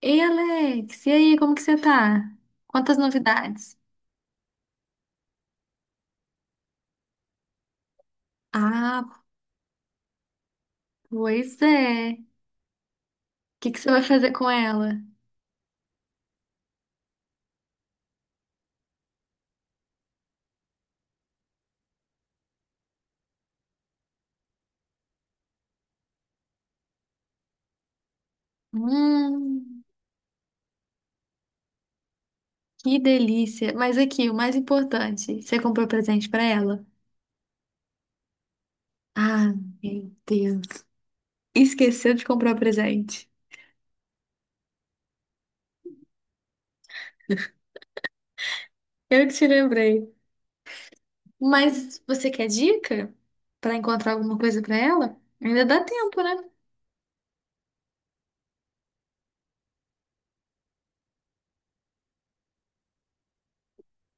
Ei, Alex, e aí, como que você tá? Quantas novidades? Ah, pois é. O que que você vai fazer com ela? Hum, que delícia. Mas aqui, o mais importante, você comprou presente pra ela? Ah, meu Deus. Esqueceu de comprar presente. Eu que te lembrei. Mas você quer dica pra encontrar alguma coisa pra ela? Ainda dá tempo, né?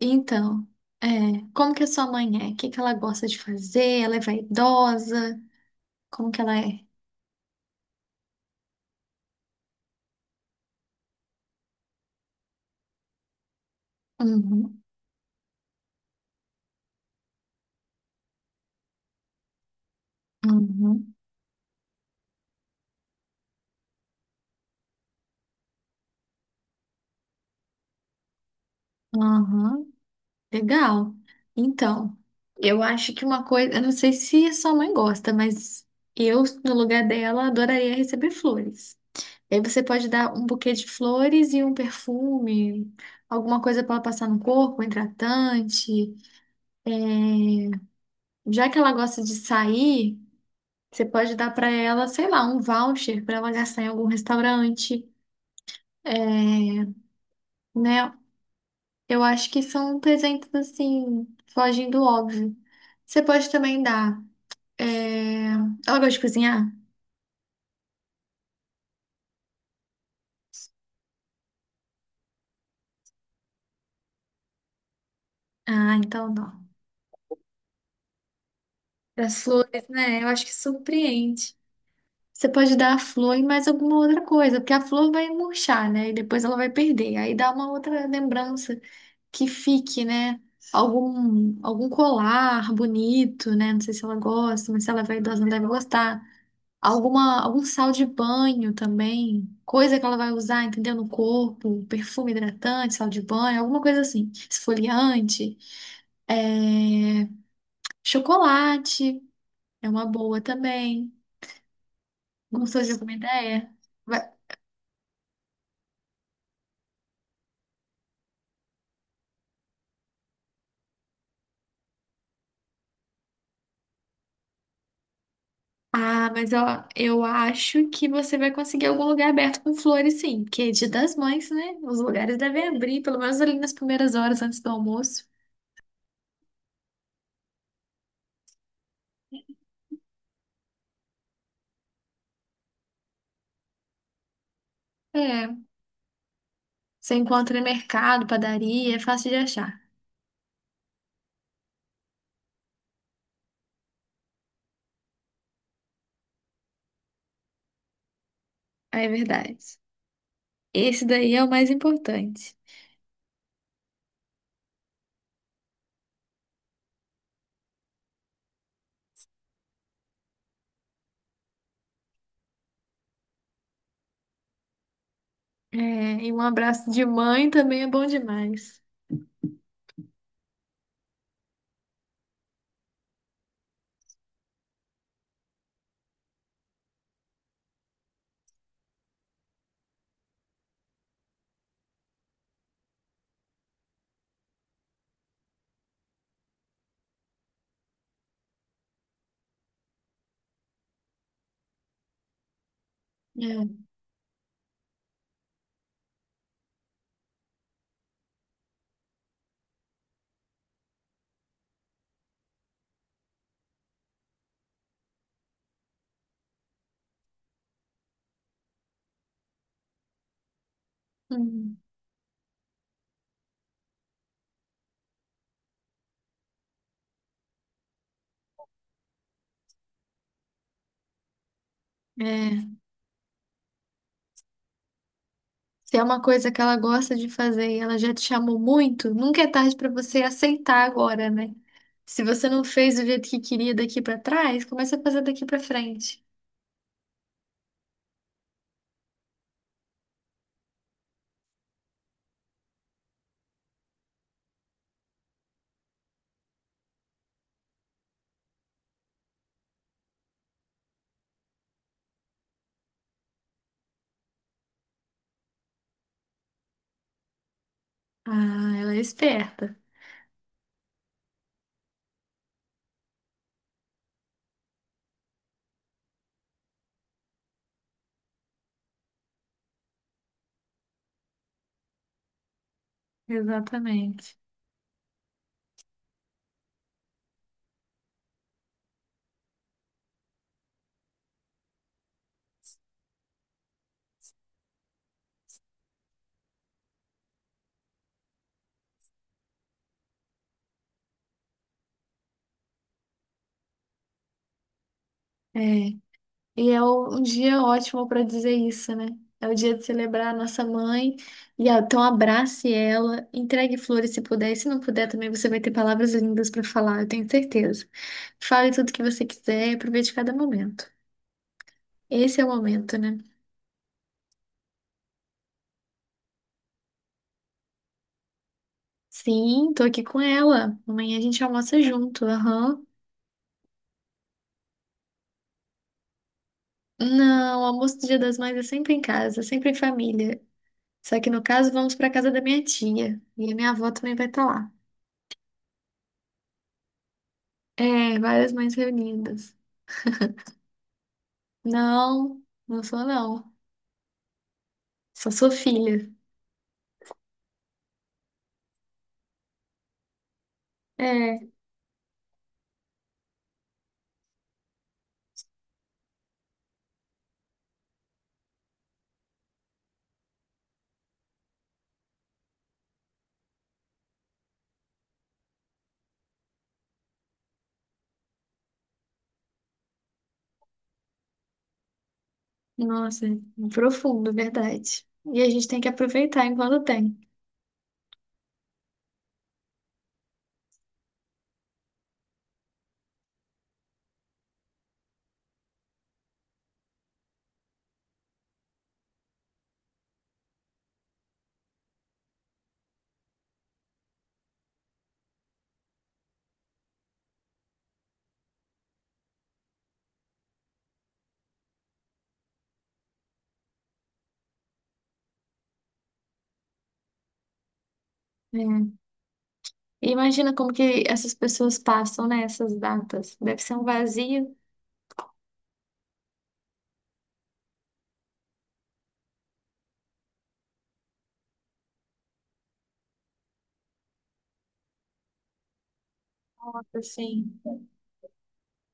Então, é, como que a sua mãe é? O que que ela gosta de fazer? Ela é vaidosa? Como que ela é? Uhum, uhum, uhum. Legal. Então, eu acho que uma coisa, eu não sei se a sua mãe gosta, mas eu, no lugar dela, adoraria receber flores. E aí você pode dar um buquê de flores e um perfume, alguma coisa para ela passar no corpo, um hidratante. Já que ela gosta de sair, você pode dar para ela, sei lá, um voucher para ela gastar em algum restaurante, né? Eu acho que são presentes assim, fogem do óbvio. Você pode também dar. é, Ela gosta de cozinhar? Ah, então não. As flores, né? Eu acho que surpreende. Você pode dar a flor e mais alguma outra coisa, porque a flor vai murchar, né? E depois ela vai perder. Aí dá uma outra lembrança que fique, né? Algum colar bonito, né? Não sei se ela gosta, mas se ela vai idosa, não deve gostar. Algum sal de banho também, coisa que ela vai usar, entendeu? No corpo, perfume hidratante, sal de banho, alguma coisa assim, esfoliante, é, chocolate é uma boa também. Gostou de alguma ideia? Vai- Ah, mas eu acho que você vai conseguir algum lugar aberto com flores, sim, porque é Dia das Mães, né? Os lugares devem abrir, pelo menos ali nas primeiras horas antes do almoço. É, você encontra em mercado, padaria, é fácil de achar. É verdade. Esse daí é o mais importante. É, e um abraço de mãe também é bom demais. É. Hum, é. Se é uma coisa que ela gosta de fazer e ela já te chamou muito, nunca é tarde para você aceitar agora, né? Se você não fez do jeito que queria daqui para trás, começa a fazer daqui para frente. Ah, ela é esperta. Exatamente. É. E é um dia ótimo para dizer isso, né? É o dia de celebrar a nossa mãe. E ah, então abrace ela, entregue flores se puder. E se não puder também, você vai ter palavras lindas para falar, eu tenho certeza. Fale tudo que você quiser e aproveite cada momento. Esse é o momento, né? Sim, tô aqui com ela. Amanhã a gente almoça junto, aham. Não, o almoço do Dia das Mães é sempre em casa, sempre em família. Só que no caso, vamos para casa da minha tia. E a minha avó também vai estar lá. É, várias mães reunidas. Não, não sou não. Só sou filha. É, nossa, profundo, verdade. E a gente tem que aproveitar enquanto tem. É. E imagina como que essas pessoas passam, né, essas datas. Deve ser um vazio, assim,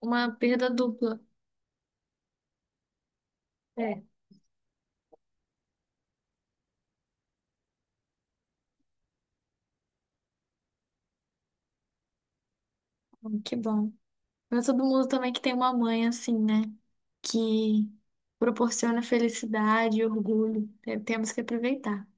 uma perda dupla. É. Que bom. Não é todo mundo também que tem uma mãe assim, né, que proporciona felicidade e orgulho. Temos que aproveitar.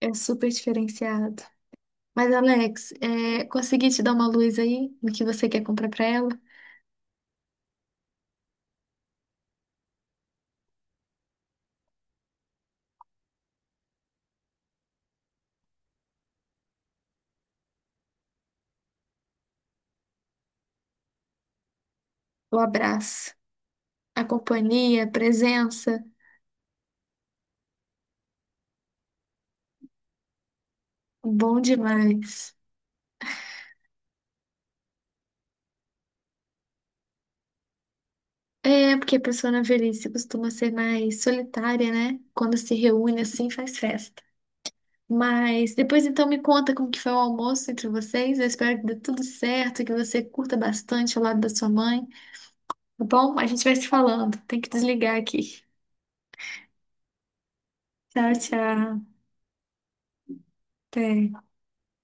É, é super diferenciado. Mas, Alex, consegui te dar uma luz aí no que você quer comprar pra ela? O abraço, a companhia, a presença, bom demais. É, porque a pessoa na velhice costuma ser mais solitária, né? Quando se reúne assim, faz festa. Mas depois então me conta como que foi o almoço entre vocês. Eu espero que dê tudo certo, que você curta bastante ao lado da sua mãe, tá bom? A gente vai se falando. Tem que desligar aqui. Tchau, tchau. Até.